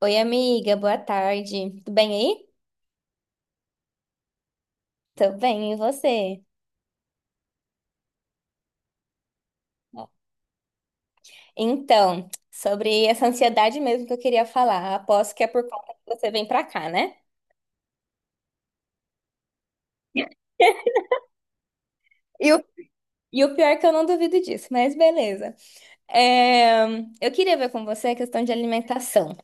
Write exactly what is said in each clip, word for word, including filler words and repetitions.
Oi, amiga, boa tarde. Tudo bem aí? Tô bem, e você? Então, sobre essa ansiedade mesmo que eu queria falar, aposto que é por conta que você vem pra cá, né? E o, e o pior é que eu não duvido disso, mas beleza. É, eu queria ver com você a questão de alimentação.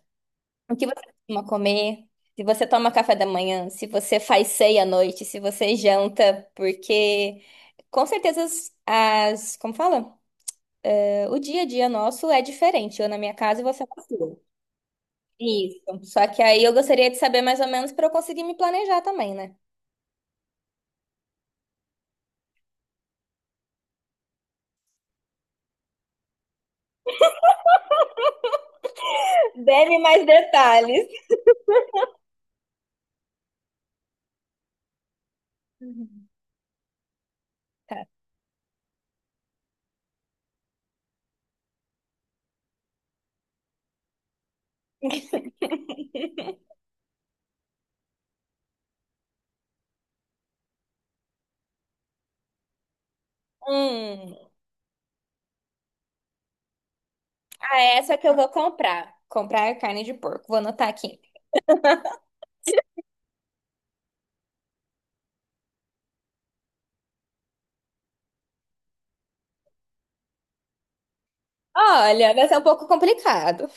O que você costuma comer? Se você toma café da manhã, se você faz ceia à noite, se você janta, porque com certeza as, as- como fala? O dia a dia nosso é diferente, eu na minha casa e você na sua. Isso. Só que aí eu gostaria de saber mais ou menos para eu conseguir me planejar também, né? Dê-me mais detalhes. Uhum. Tá. Hum, ah, essa que eu vou comprar. Comprar carne de porco. Vou anotar aqui. Olha, vai ser um pouco complicado.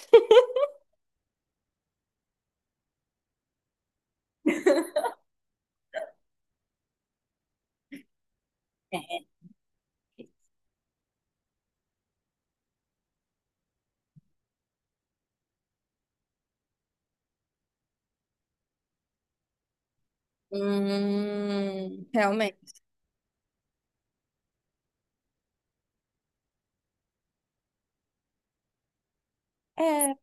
Hum, realmente. É,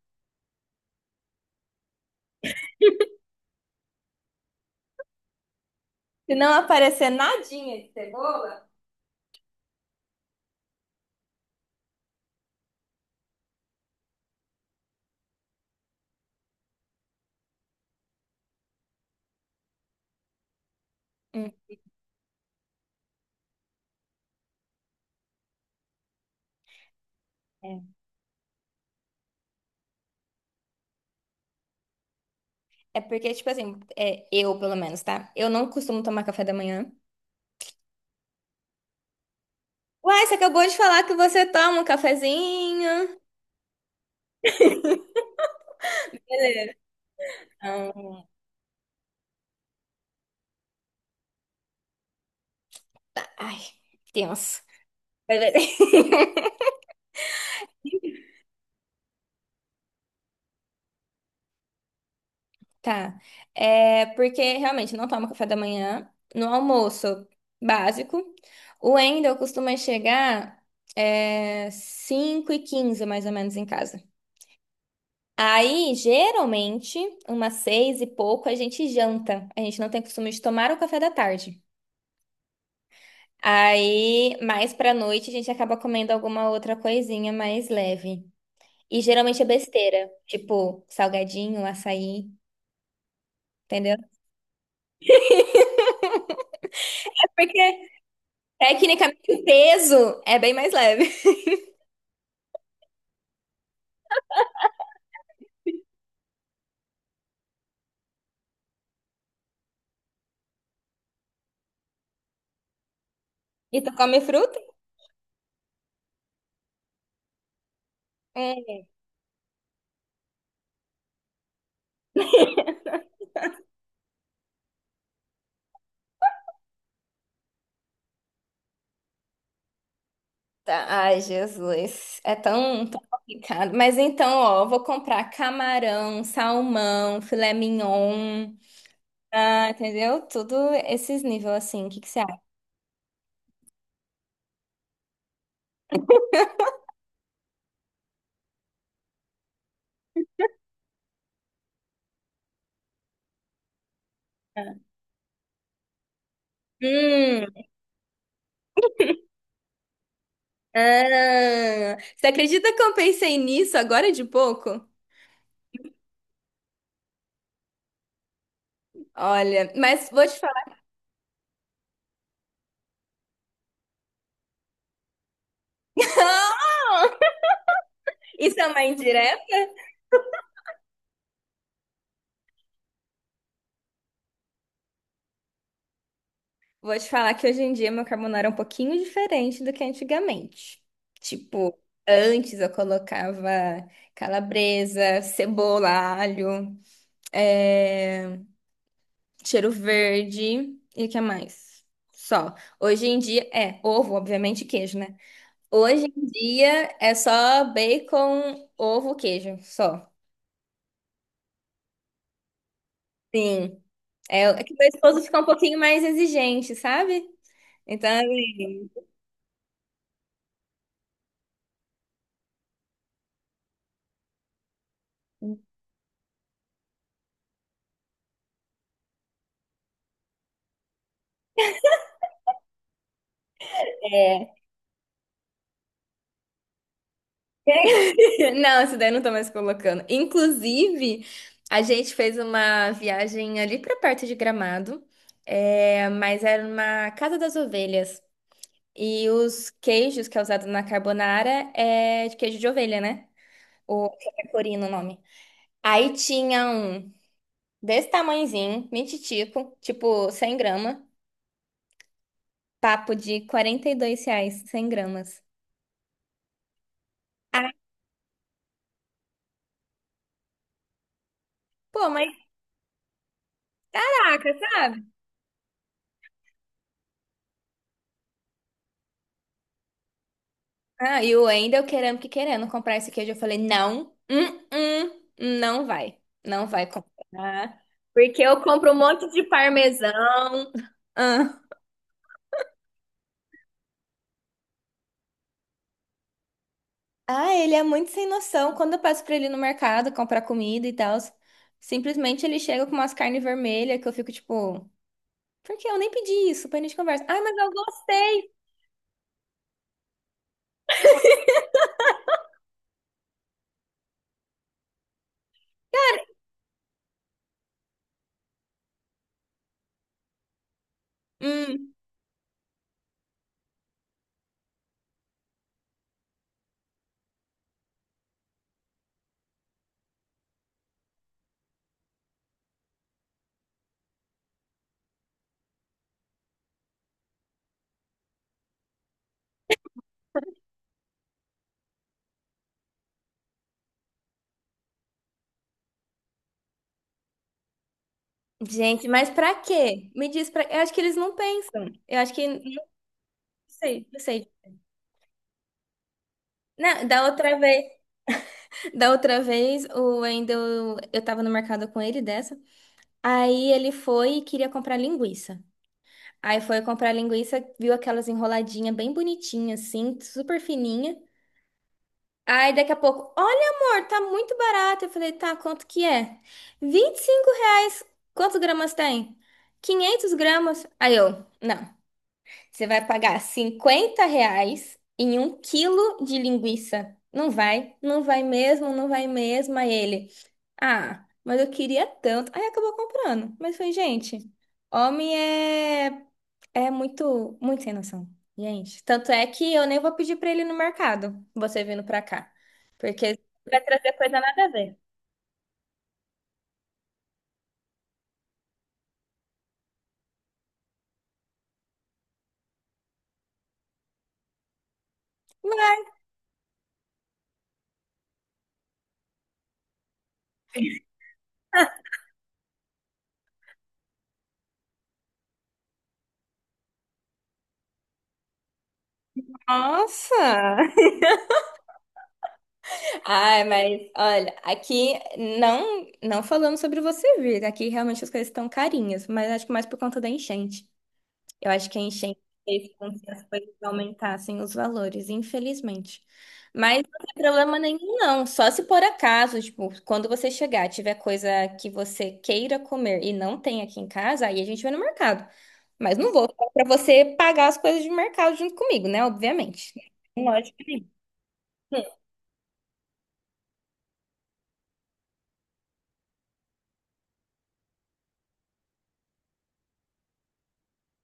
se não aparecer nadinha de cebola. Hum, é. É porque, tipo assim, é, eu pelo menos, tá? Eu não costumo tomar café da manhã. Uai, você acabou de falar que você toma um cafezinho. Beleza. Ah, ai, tenso. Beleza. Tá. É porque realmente não tomo café da manhã. No almoço básico. O Wendel costuma chegar é, cinco e quinze, mais ou menos, em casa. Aí, geralmente, umas seis e pouco, a gente janta. A gente não tem costume de tomar o café da tarde. Aí, mais pra noite, a gente acaba comendo alguma outra coisinha mais leve. E geralmente é besteira, tipo salgadinho, açaí, entendeu? É porque tecnicamente o peso é bem mais leve. E tu come fruta? Eita, ai, Jesus, é tão, tão complicado. Mas então, ó, eu vou comprar camarão, salmão, filé mignon, ah, entendeu? Tudo esses níveis assim. O que que você acha? Hum, ah, você acredita que eu pensei nisso agora de pouco? Olha, mas vou te falar. Isso é uma indireta? Vou te falar que hoje em dia meu carbonara é um pouquinho diferente do que antigamente. Tipo, antes eu colocava calabresa, cebola, alho, é, cheiro verde e o que mais? Só. Hoje em dia é ovo, obviamente, e queijo, né? Hoje em dia é só bacon, ovo, queijo, só. Sim. É, é que meu esposo fica um pouquinho mais exigente, sabe? Então, ele- é, Não, essa daí eu não tô mais colocando. Inclusive, a gente fez uma viagem ali pra perto de Gramado, é, mas era uma casa das ovelhas. E os queijos que é usado na carbonara é de queijo de ovelha, né? O pecorino o nome. Aí tinha um desse tamanhozinho, mititico, tipo cem gramas, papo de quarenta e dois reais, cem gramas. Ah, pô, mas saca, sabe? Ah, e o Wendel querendo que querendo comprar esse queijo. Eu falei, não, hum, hum, não vai. Não vai comprar. Porque eu compro um monte de parmesão. Ah, ah, ele é muito sem noção. Quando eu passo pra ele no mercado comprar comida e tal, simplesmente ele chega com umas carnes vermelhas que eu fico tipo, por que eu nem pedi isso? Pra gente conversa. Ai, mas eu gostei. Hum. Gente, mas pra quê? Me diz pra. Eu acho que eles não pensam. Eu acho que. Não sei, não sei. Não, da outra vez. Da outra vez, o Wendel, eu tava no mercado com ele dessa. Aí ele foi e queria comprar linguiça. Aí foi comprar linguiça, viu aquelas enroladinhas bem bonitinhas, assim, super fininha. Aí daqui a pouco, olha amor, tá muito barato. Eu falei, tá, quanto que é? Vinte e cinco reais. Quantos gramas tem? Quinhentos gramas. Aí eu, não, você vai pagar cinquenta reais em um quilo de linguiça. Não vai, não vai mesmo, não vai mesmo. Aí ele. Ah, mas eu queria tanto. Aí acabou comprando. Mas foi, gente, homem é, é muito, muito sem noção. Gente, tanto é que eu nem vou pedir pra ele ir no mercado, você vindo pra cá. Porque vai trazer coisa nada a ver. Vai. Nossa! Ai, mas olha, aqui não não falando sobre você vir, aqui realmente as coisas estão carinhas, mas acho que mais por conta da enchente. Eu acho que a enchente fez com que as coisas aumentassem os valores, infelizmente. Mas não tem problema nenhum, não. Só se por acaso, tipo, quando você chegar, tiver coisa que você queira comer e não tem aqui em casa, aí a gente vai no mercado. Mas não vou falar pra você pagar as coisas de mercado junto comigo, né? Obviamente. Lógico que sim.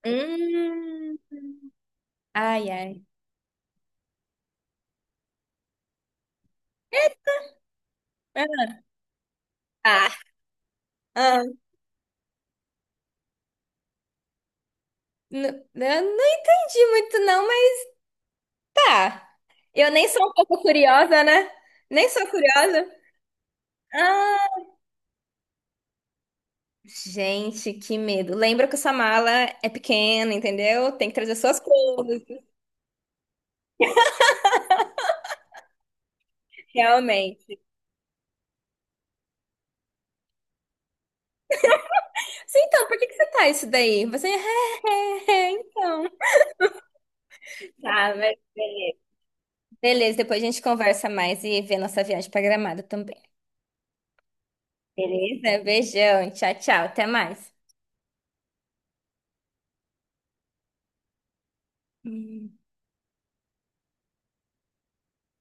Hum. Ai, ai. É, Ah, ah. N- eu não entendi muito, não. Ah, eu nem sou um pouco curiosa, né? Nem sou curiosa. Ah, gente, que medo. Lembra que essa mala é pequena, entendeu? Tem que trazer suas coisas, realmente. Sim, então, por que que você tá isso daí? Você, é, então. Tá, mas... Beleza, depois a gente conversa mais e vê nossa viagem pra Gramado também. Beleza? Beijão, tchau, tchau, até mais. Hum.